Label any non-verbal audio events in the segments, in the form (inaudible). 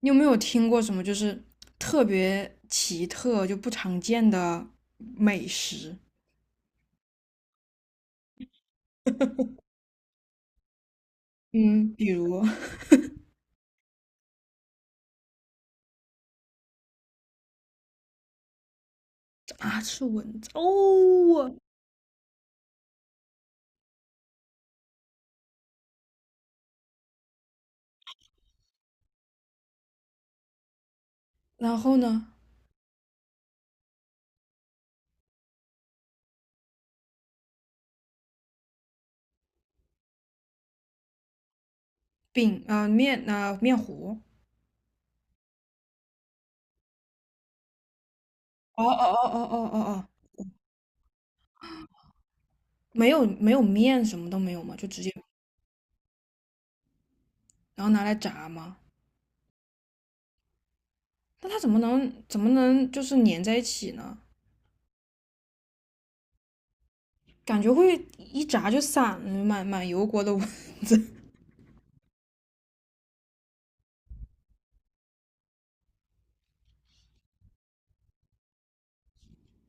你有没有听过什么就是特别奇特就不常见的美食？(laughs) 嗯，比如 (laughs) 啊，吃蚊子，哦。然后呢？饼啊、面啊、面糊。哦哦哦哦哦哦哦，没有没有面，什么都没有嘛，就直接然后拿来炸嘛。那它怎么能就是粘在一起呢？感觉会一炸就散了，满满油锅的 (laughs) 蚊子。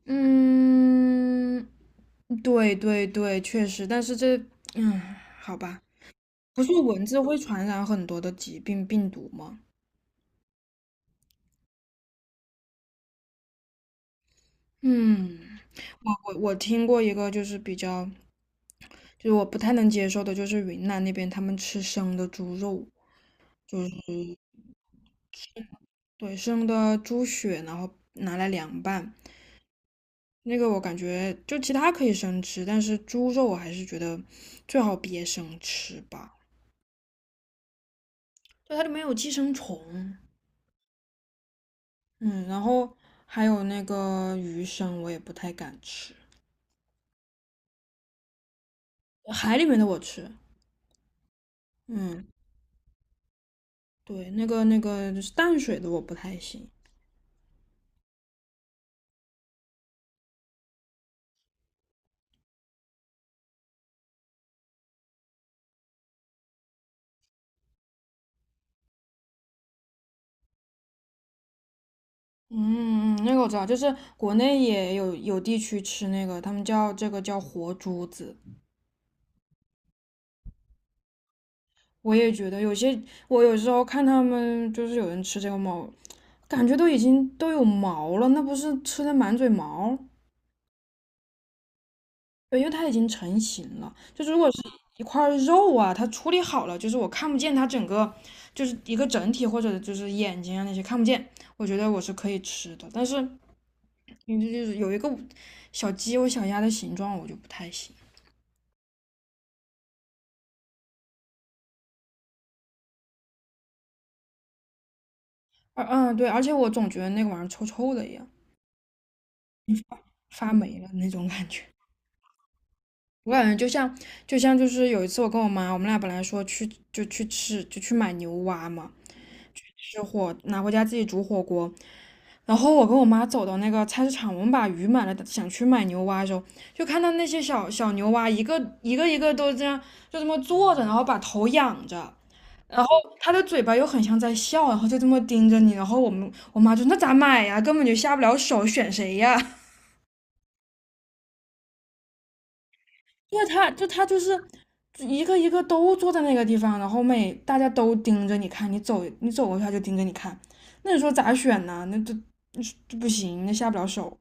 嗯，对对对，确实，但是这，嗯，好吧。不是蚊子会传染很多的疾病病毒吗？嗯，我听过一个就是比较，就是我不太能接受的，就是云南那边他们吃生的猪肉，就是对生的猪血，然后拿来凉拌。那个我感觉就其他可以生吃，但是猪肉我还是觉得最好别生吃吧，就它里面有寄生虫。嗯，然后还有那个鱼生，我也不太敢吃。海里面的我吃，嗯，对，那个就是淡水的我不太行。嗯嗯，那个我知道，就是国内也有有地区吃那个，他们叫这个叫活珠子。我也觉得有些，我有时候看他们就是有人吃这个毛，感觉都已经都有毛了，那不是吃的满嘴毛？对，因为它已经成型了。就是如果是一块肉啊，它处理好了，就是我看不见它整个，就是一个整体或者就是眼睛啊那些看不见，我觉得我是可以吃的。但是你就是有一个小鸡或小鸭的形状，我就不太行。嗯，对，而且我总觉得那个玩意儿臭臭的一样，发霉了那种感觉。我感觉就像，就是有一次我跟我妈，我们俩本来说去就去买牛蛙嘛，吃火拿回家自己煮火锅。然后我跟我妈走到那个菜市场，我们把鱼买了，想去买牛蛙的时候，就看到那些小小牛蛙，一个一个都这样，就这么坐着，然后把头仰着，然后它的嘴巴又很像在笑，然后就这么盯着你。然后我妈就那咋买呀？根本就下不了手，选谁呀？(laughs) 因为它就是一个一个都坐在那个地方，然后每大家都盯着你看，你走过去它就盯着你看，那你说咋选呢？那这这不行，那下不了手。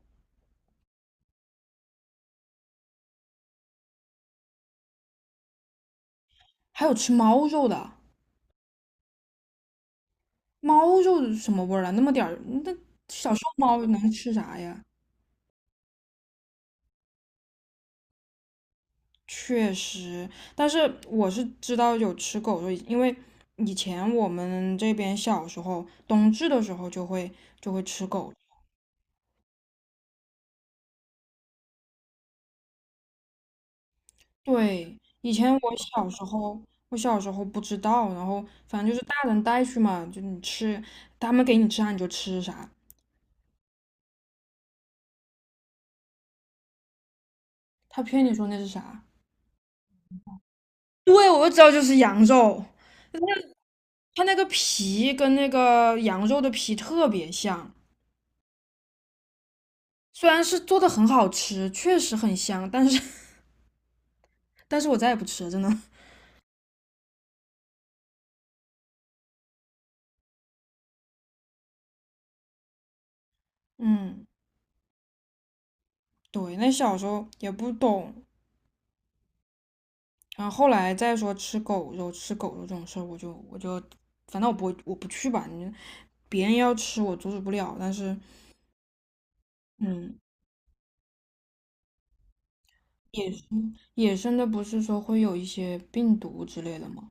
还有吃猫肉的。猫肉什么味儿啊？那么点儿，那小时候猫能吃啥呀？确实，但是我是知道有吃狗肉，因为以前我们这边小时候冬至的时候就会吃狗。对，以前我小时候我小时候不知道，然后反正就是大人带去嘛，就你吃，他们给你吃啥你就吃啥。他骗你说那是啥？对，我就知道就是羊肉，它那个皮跟那个羊肉的皮特别像。虽然是做的很好吃，确实很香，但是 (laughs) 但是我再也不吃了，真的。嗯，对，那小时候也不懂，然后后来再说吃狗肉、吃狗肉这种事儿，我就反正我不去吧，你别人要吃我阻止不了，但是嗯，野生的不是说会有一些病毒之类的吗？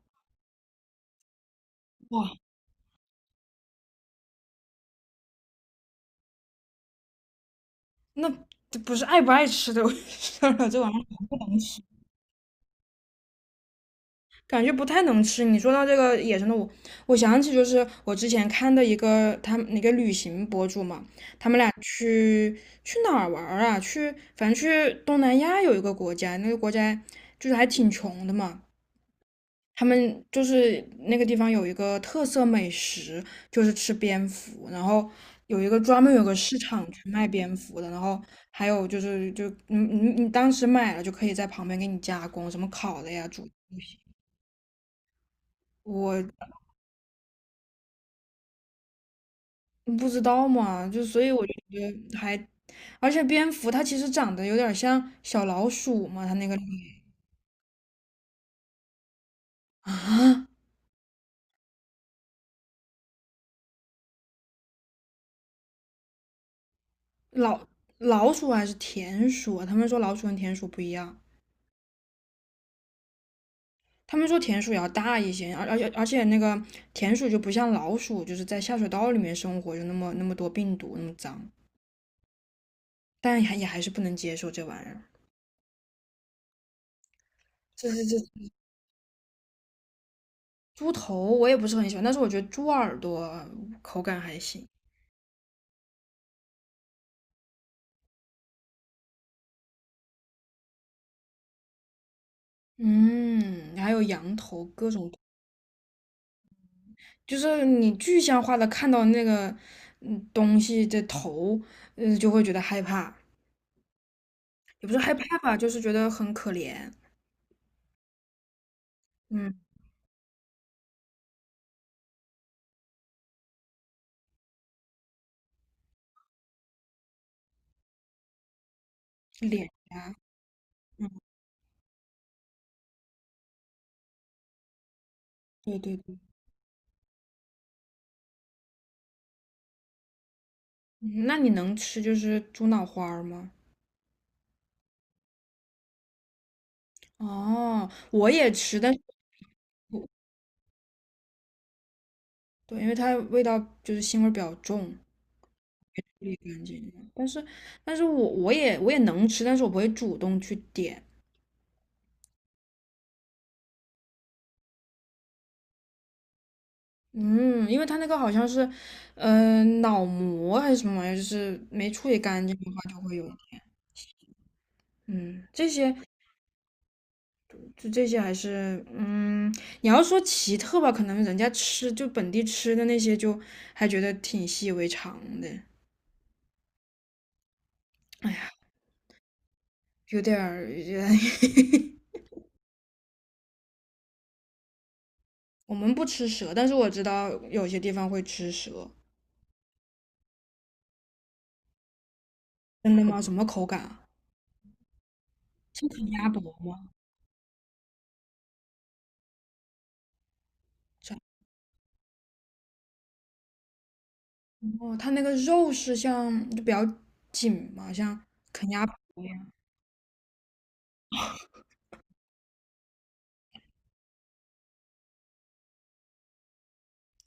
哇，那这不是爱不爱吃的 (laughs) 事儿了，这玩意儿。感觉不太能吃。你说到这个野生的，我我想起就是我之前看的一个他们那个旅行博主嘛，他们俩去去哪儿玩儿啊？去反正去东南亚有一个国家，那个国家就是还挺穷的嘛。他们就是那个地方有一个特色美食，就是吃蝙蝠，然后有一个专门有个市场去卖蝙蝠的，然后还有就是就你当时买了就可以在旁边给你加工，什么烤的呀、煮我你不知道嘛，就所以我觉得还，而且蝙蝠它其实长得有点像小老鼠嘛，它那个脸啊。(laughs) 老老鼠还是田鼠啊？他们说老鼠跟田鼠不一样，他们说田鼠也要大一些，而且那个田鼠就不像老鼠，就是在下水道里面生活，就那么那么多病毒，那么脏，但还也还是不能接受这玩意儿。这这这猪头我也不是很喜欢，但是我觉得猪耳朵口感还行。嗯，还有羊头，各种。就是你具象化的看到那个东西的头，嗯，就会觉得害怕，也不是害怕吧，就是觉得很可怜。嗯，脸呀，对对对。嗯，那你能吃就是猪脑花儿吗？哦，我也吃，但是我对，因为它味道就是腥味儿比较重，也干净。但是，但是我也我也能吃，但是我不会主动去点。嗯，因为它那个好像是，嗯，脑膜还是什么玩意儿，就是没处理干净的话就会有一点。嗯，这些就这些还是，嗯，你要说奇特吧，可能人家吃就本地吃的那些就还觉得挺习以为常的。哎呀，有点儿，(laughs) 我们不吃蛇，但是我知道有些地方会吃蛇。真的吗？什么口感啊？是烤鸭脖吗？是啊。哦，它那个肉是像就比较紧嘛，像啃鸭脖一样。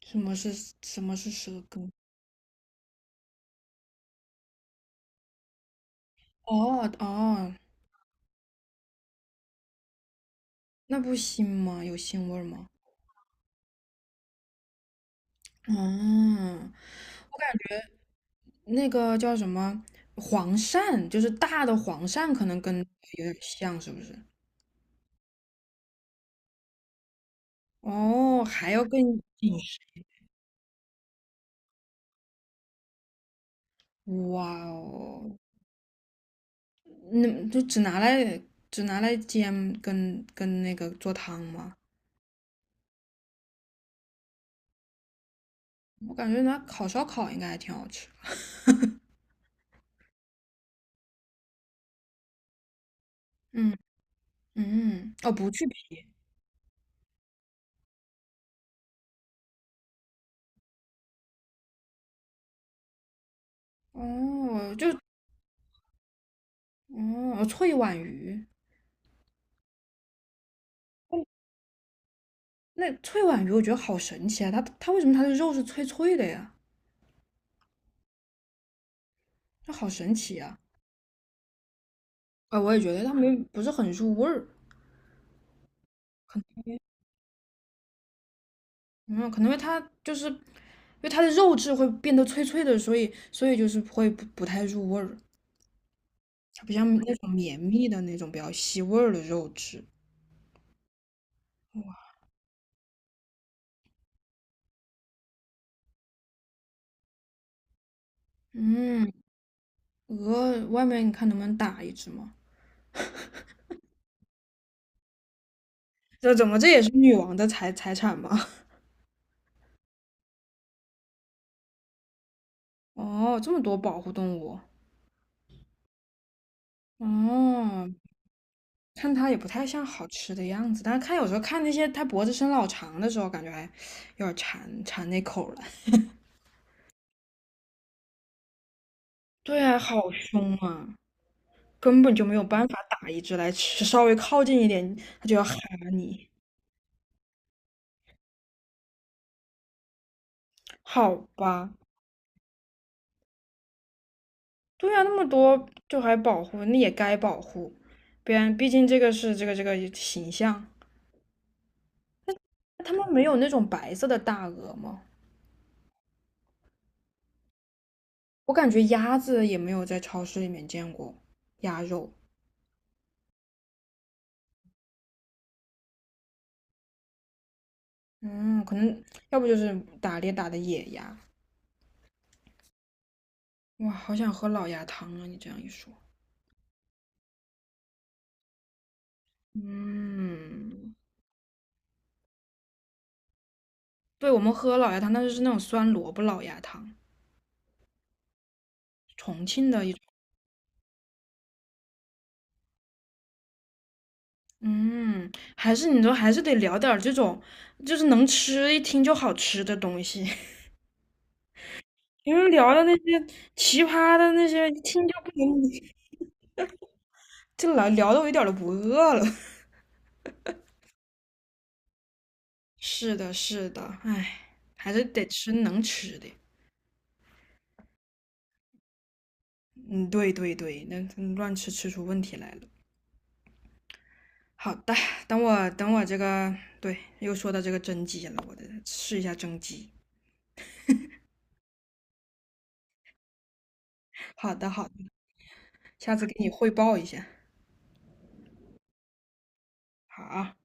什么是什么是蛇羹？哦哦，那不腥吗？有腥味儿吗？嗯，我感觉那个叫什么黄鳝，就是大的黄鳝，可能跟有点像，是不是？哦，还要更紧实。哇哦，那就只拿来煎跟那个做汤吗？我感觉拿烤烧烤应该还挺好吃的。嗯嗯，哦，不去皮。哦，就哦，脆皖鱼。那脆皖鱼我觉得好神奇啊，它它为什么它的肉是脆脆的呀？那好神奇啊！哎，我也觉得它没不是很入味儿，嗯，可能因为它就是因为它的肉质会变得脆脆的，所以就是会不太入味儿，它不像那种绵密的那种比较吸味儿的肉质。嗯，鹅外面你看能不能打一只吗？这怎么这也是女王的财产吗？(laughs) 哦，这么多保护动物。哦，看它也不太像好吃的样子，但是看有时候看那些它脖子伸老长的时候，感觉还有点馋那口了。对啊，好凶啊，根本就没有办法打一只来吃，稍微靠近一点它就要哈你。好吧，对啊，那么多就还保护，那也该保护，不然毕竟这个是这个形象。他们没有那种白色的大鹅吗？我感觉鸭子也没有在超市里面见过鸭肉。嗯，可能要不就是打猎打的野鸭。哇，好想喝老鸭汤啊！你这样一说，嗯，对，我们喝老鸭汤，但是是那种酸萝卜老鸭汤，重庆的一种。嗯，还是你说还是得聊点儿这种，就是能吃一听就好吃的东西。(laughs) 因为聊的那些奇葩的那些，一听就不能，这聊聊的我一点儿都不饿了。(laughs) 是的，是的，唉，还是得吃能吃的。嗯，对对对，那嗯乱吃吃出问题来了。好的，等我这个，对，又说到这个蒸鸡了，我得试一下蒸鸡。好的好的，下次给你汇报一下。好啊